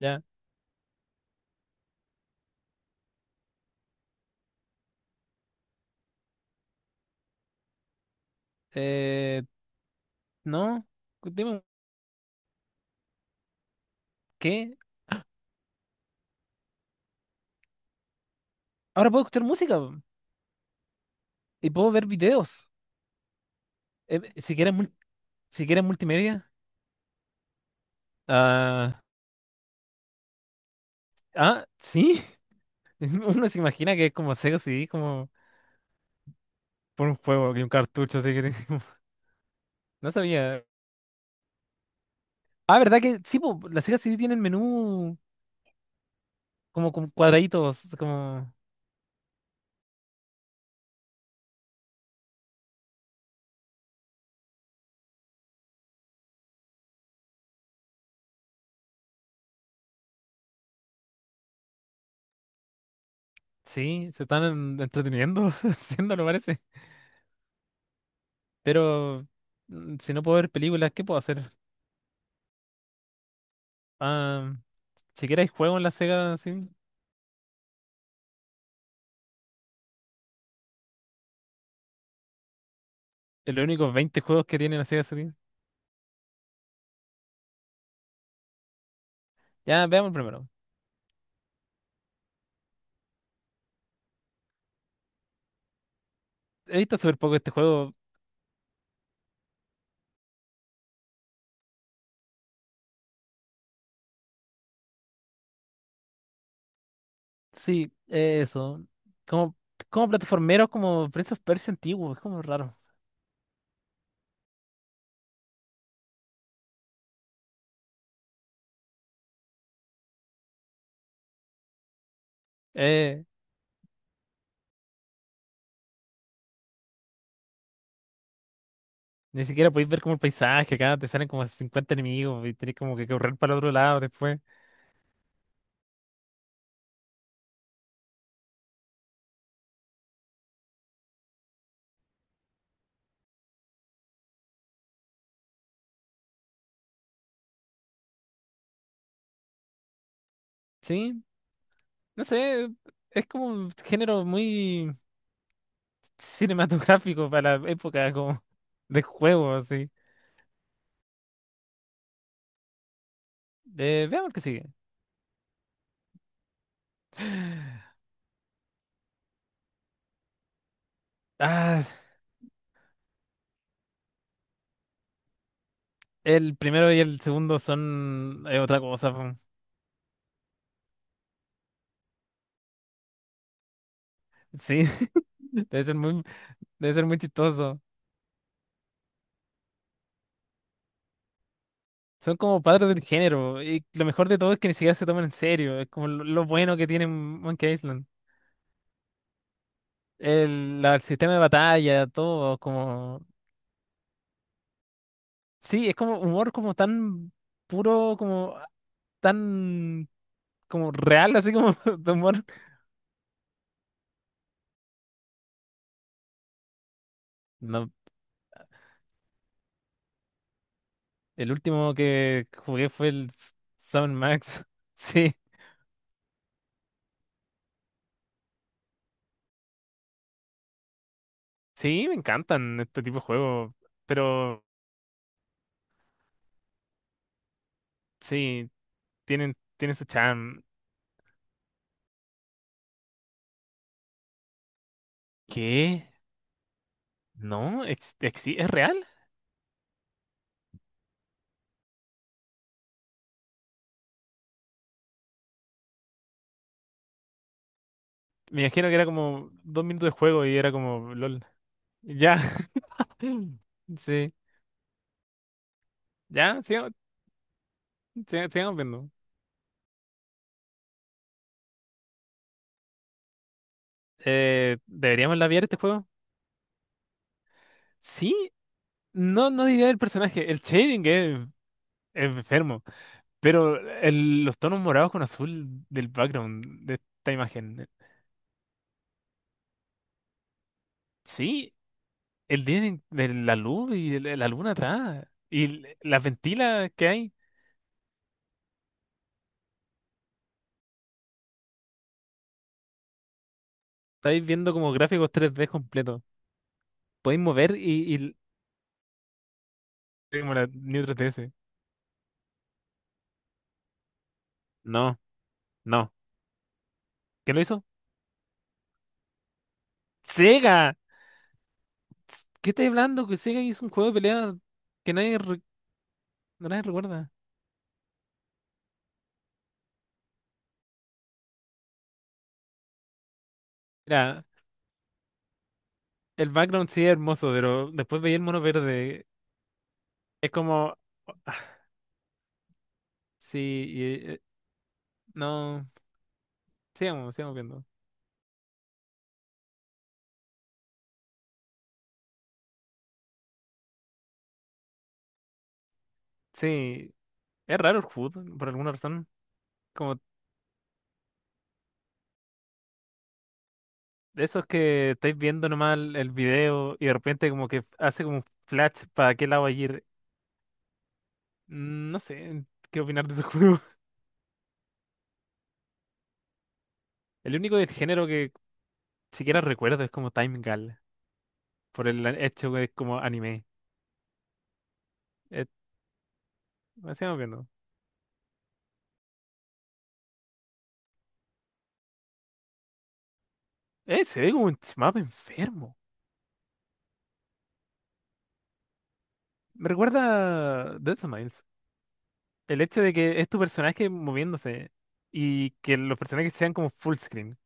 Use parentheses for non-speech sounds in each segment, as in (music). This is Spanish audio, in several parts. Ya. Eh, no. Dime, ¿qué? Ahora puedo escuchar música po, y puedo ver videos. Si quieres, si quieres multimedia. Ah, ah, sí. (laughs) Uno se imagina que es como Sega CD, como por un juego y un cartucho, si quieres. (laughs) No sabía. Ah, ¿verdad que sí? Po, la Sega CD tiene el menú como con cuadraditos. Como... Sí, se están entreteniendo (laughs) haciéndolo, parece. Pero si no puedo ver películas, ¿qué puedo hacer? Ah, si quieres juego en la Sega, sí. Es los únicos 20 juegos que tiene la Sega Saturn. Ya, veamos primero. He visto súper poco este juego. Sí, eso. Como, como plataformero, como Prince of Persia antiguo. Es como raro. Eh, Ni siquiera podéis ver como el paisaje. Acá te salen como 50 enemigos y tenés como que correr para el otro lado después. Sí, no sé. Es como un género muy cinematográfico para la época como de juego, así. Veamos qué sigue. Ah, el primero y el segundo son otra cosa po. Sí, (laughs) debe ser muy, debe ser muy chistoso. Son como padres del género. Y lo mejor de todo es que ni siquiera se toman en serio. Es como lo bueno que tiene Monkey Island. El sistema de batalla, todo, como. Sí, es como humor como tan puro, como tan como real, así como (laughs) de humor. No, el último que jugué fue el Summon Max. (laughs) Sí, sí, me encantan este tipo de juegos. Pero sí, tienen su charm. ¿Qué? No, ¿es real? Me imagino que era como 2 minutos de juego y era como LOL. Ya. (laughs) Sí. Ya, sigamos, sigamos viendo. ¿Deberíamos labiar este juego? Sí. No, no diría el personaje. El shading es enfermo. Pero los tonos morados con azul del background de esta imagen. Sí. El día de la luz y la luna atrás. Y las ventilas que hay. Estáis viendo como gráficos 3D completos, podéis mover y, sí, como la New 3DS. No, no. ¿Quién lo hizo? ¡Sega! ¿Qué estás hablando? Que Sega hizo un juego de pelea que nadie, no nadie recuerda. Mira, el background sí es hermoso, pero después veía el mono verde. Es como. Sí, y, eh, no. Sigamos, sigamos viendo. Sí, es raro el HUD, por alguna razón. Como de esos que estáis viendo nomás el video y de repente como que hace como un flash para qué lado va a ir. No sé qué opinar de ese juego. (laughs) El único del género que siquiera recuerdo, es como Time Gal, por el hecho que es como anime. Eh, Sigamos viendo. Se ve como un mapa enfermo. Me recuerda a Death Smiles. El hecho de que es tu personaje moviéndose y que los personajes sean como full screen.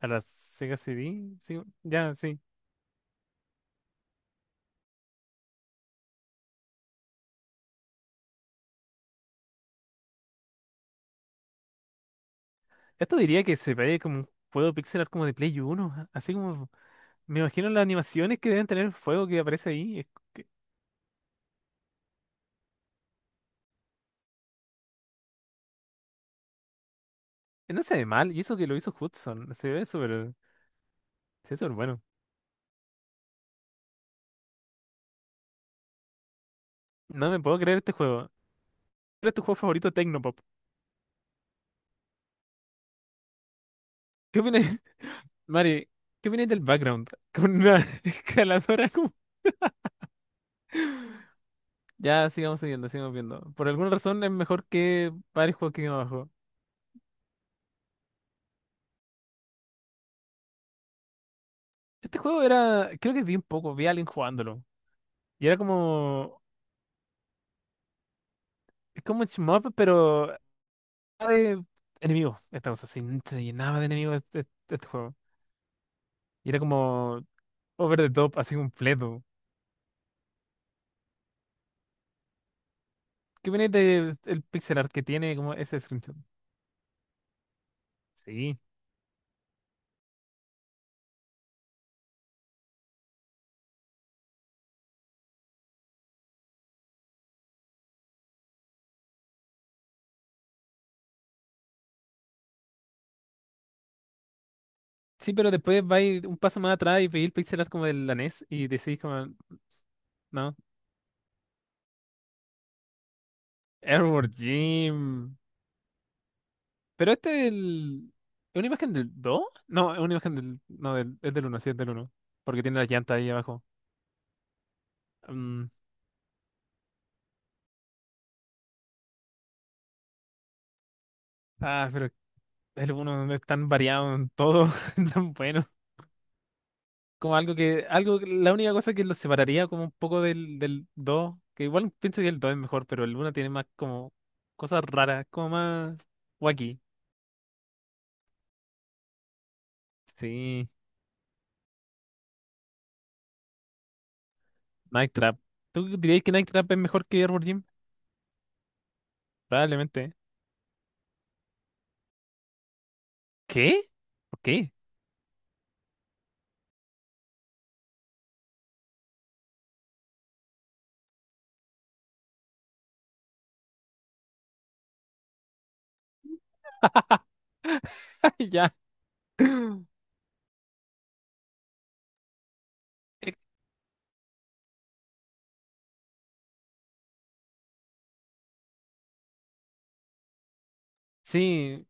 A la Sega CD, sí, ya, sí. Esto diría que se ve como un juego pixel art como de Play 1. Así como, me imagino las animaciones que deben tener el fuego que aparece ahí. Es que- no se ve mal, y eso que lo hizo Hudson. Se ve súper bueno. No me puedo creer este juego. ¿Cuál es tu juego favorito Tecnopop? ¿Qué opinas, (laughs) Mari? ¿Qué opinas del background? Con una (laughs) escaladora como. Ya, sigamos siguiendo, sigamos viendo. Por alguna razón es mejor que varios juegos que vimos abajo. Este juego era. Creo que vi un poco, vi a alguien jugándolo. Y era como. Es como un shmup, pero era de enemigos, esta cosa. Se llenaba de enemigos este juego. Y era como. Over the top, así completo. ¿Qué opinas del pixel art que tiene como ese screenshot? Sí. Sí, pero después vais un paso más atrás y veis el pixel art como del NES y decís como, no, Edward Jim. Pero este es. ¿Es una imagen del dos? No, es una imagen del. No, es del uno, sí, es del uno. Porque tiene las llantas ahí abajo. Mm, Ah, pero el uno, no es tan variado en todo, (laughs) es tan bueno. Como la única cosa que lo separaría como un poco del 2, que igual pienso que el 2 es mejor, pero el uno tiene más como cosas raras, como más wacky. Sí. Night Trap. ¿Tú dirías que Night Trap es mejor que Arbor Gym? Probablemente. ¿Qué? ¿Por qué? (laughs) Ya. Eh, Sí,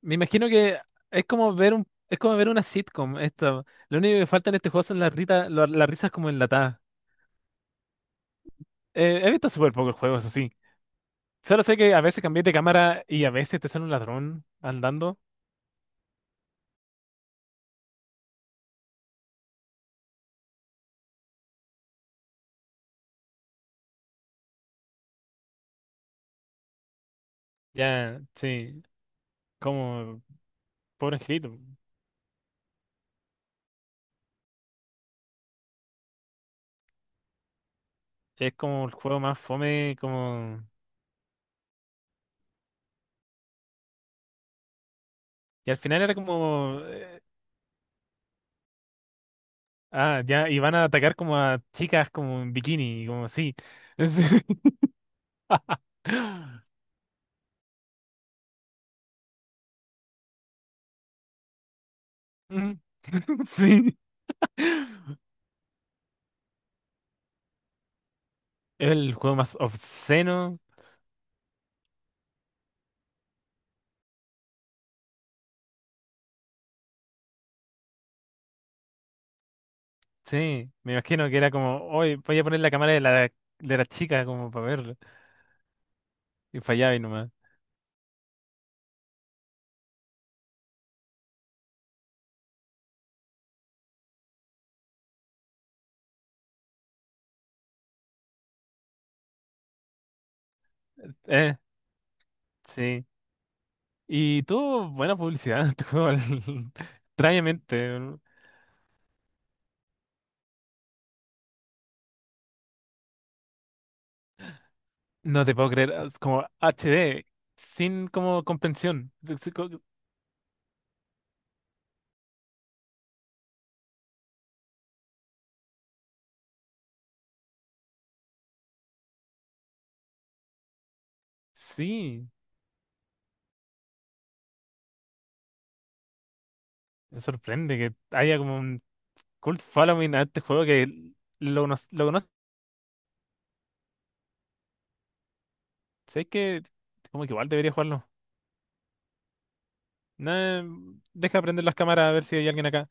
me imagino que es como ver una sitcom. Esto. Lo único que falta en este juego son las risas como enlatadas. He visto súper pocos juegos así. Solo sé que a veces cambié de cámara y a veces te sale un ladrón andando. Ya, sí. Como, pobre angelito. Es como el juego más fome, como. Y al final era como. Ah, ya, y van a atacar como a chicas como en bikini, como así. Es- (laughs) Mm, (laughs) Sí. Es el juego más obsceno. Sí, me imagino que era como, hoy voy a poner la cámara de la chica como para verlo. Y fallaba y nomás. Eh, sí. Y tuvo buena publicidad, (laughs) este juego, extrañamente. No No te puedo creer, ah, es como HD, sin como comprensión. Sí, sí, me sorprende que haya como un Cult Following a este juego que lo conoces. Es que como que igual debería jugarlo. Nah, deja prender las cámaras a ver si hay alguien acá.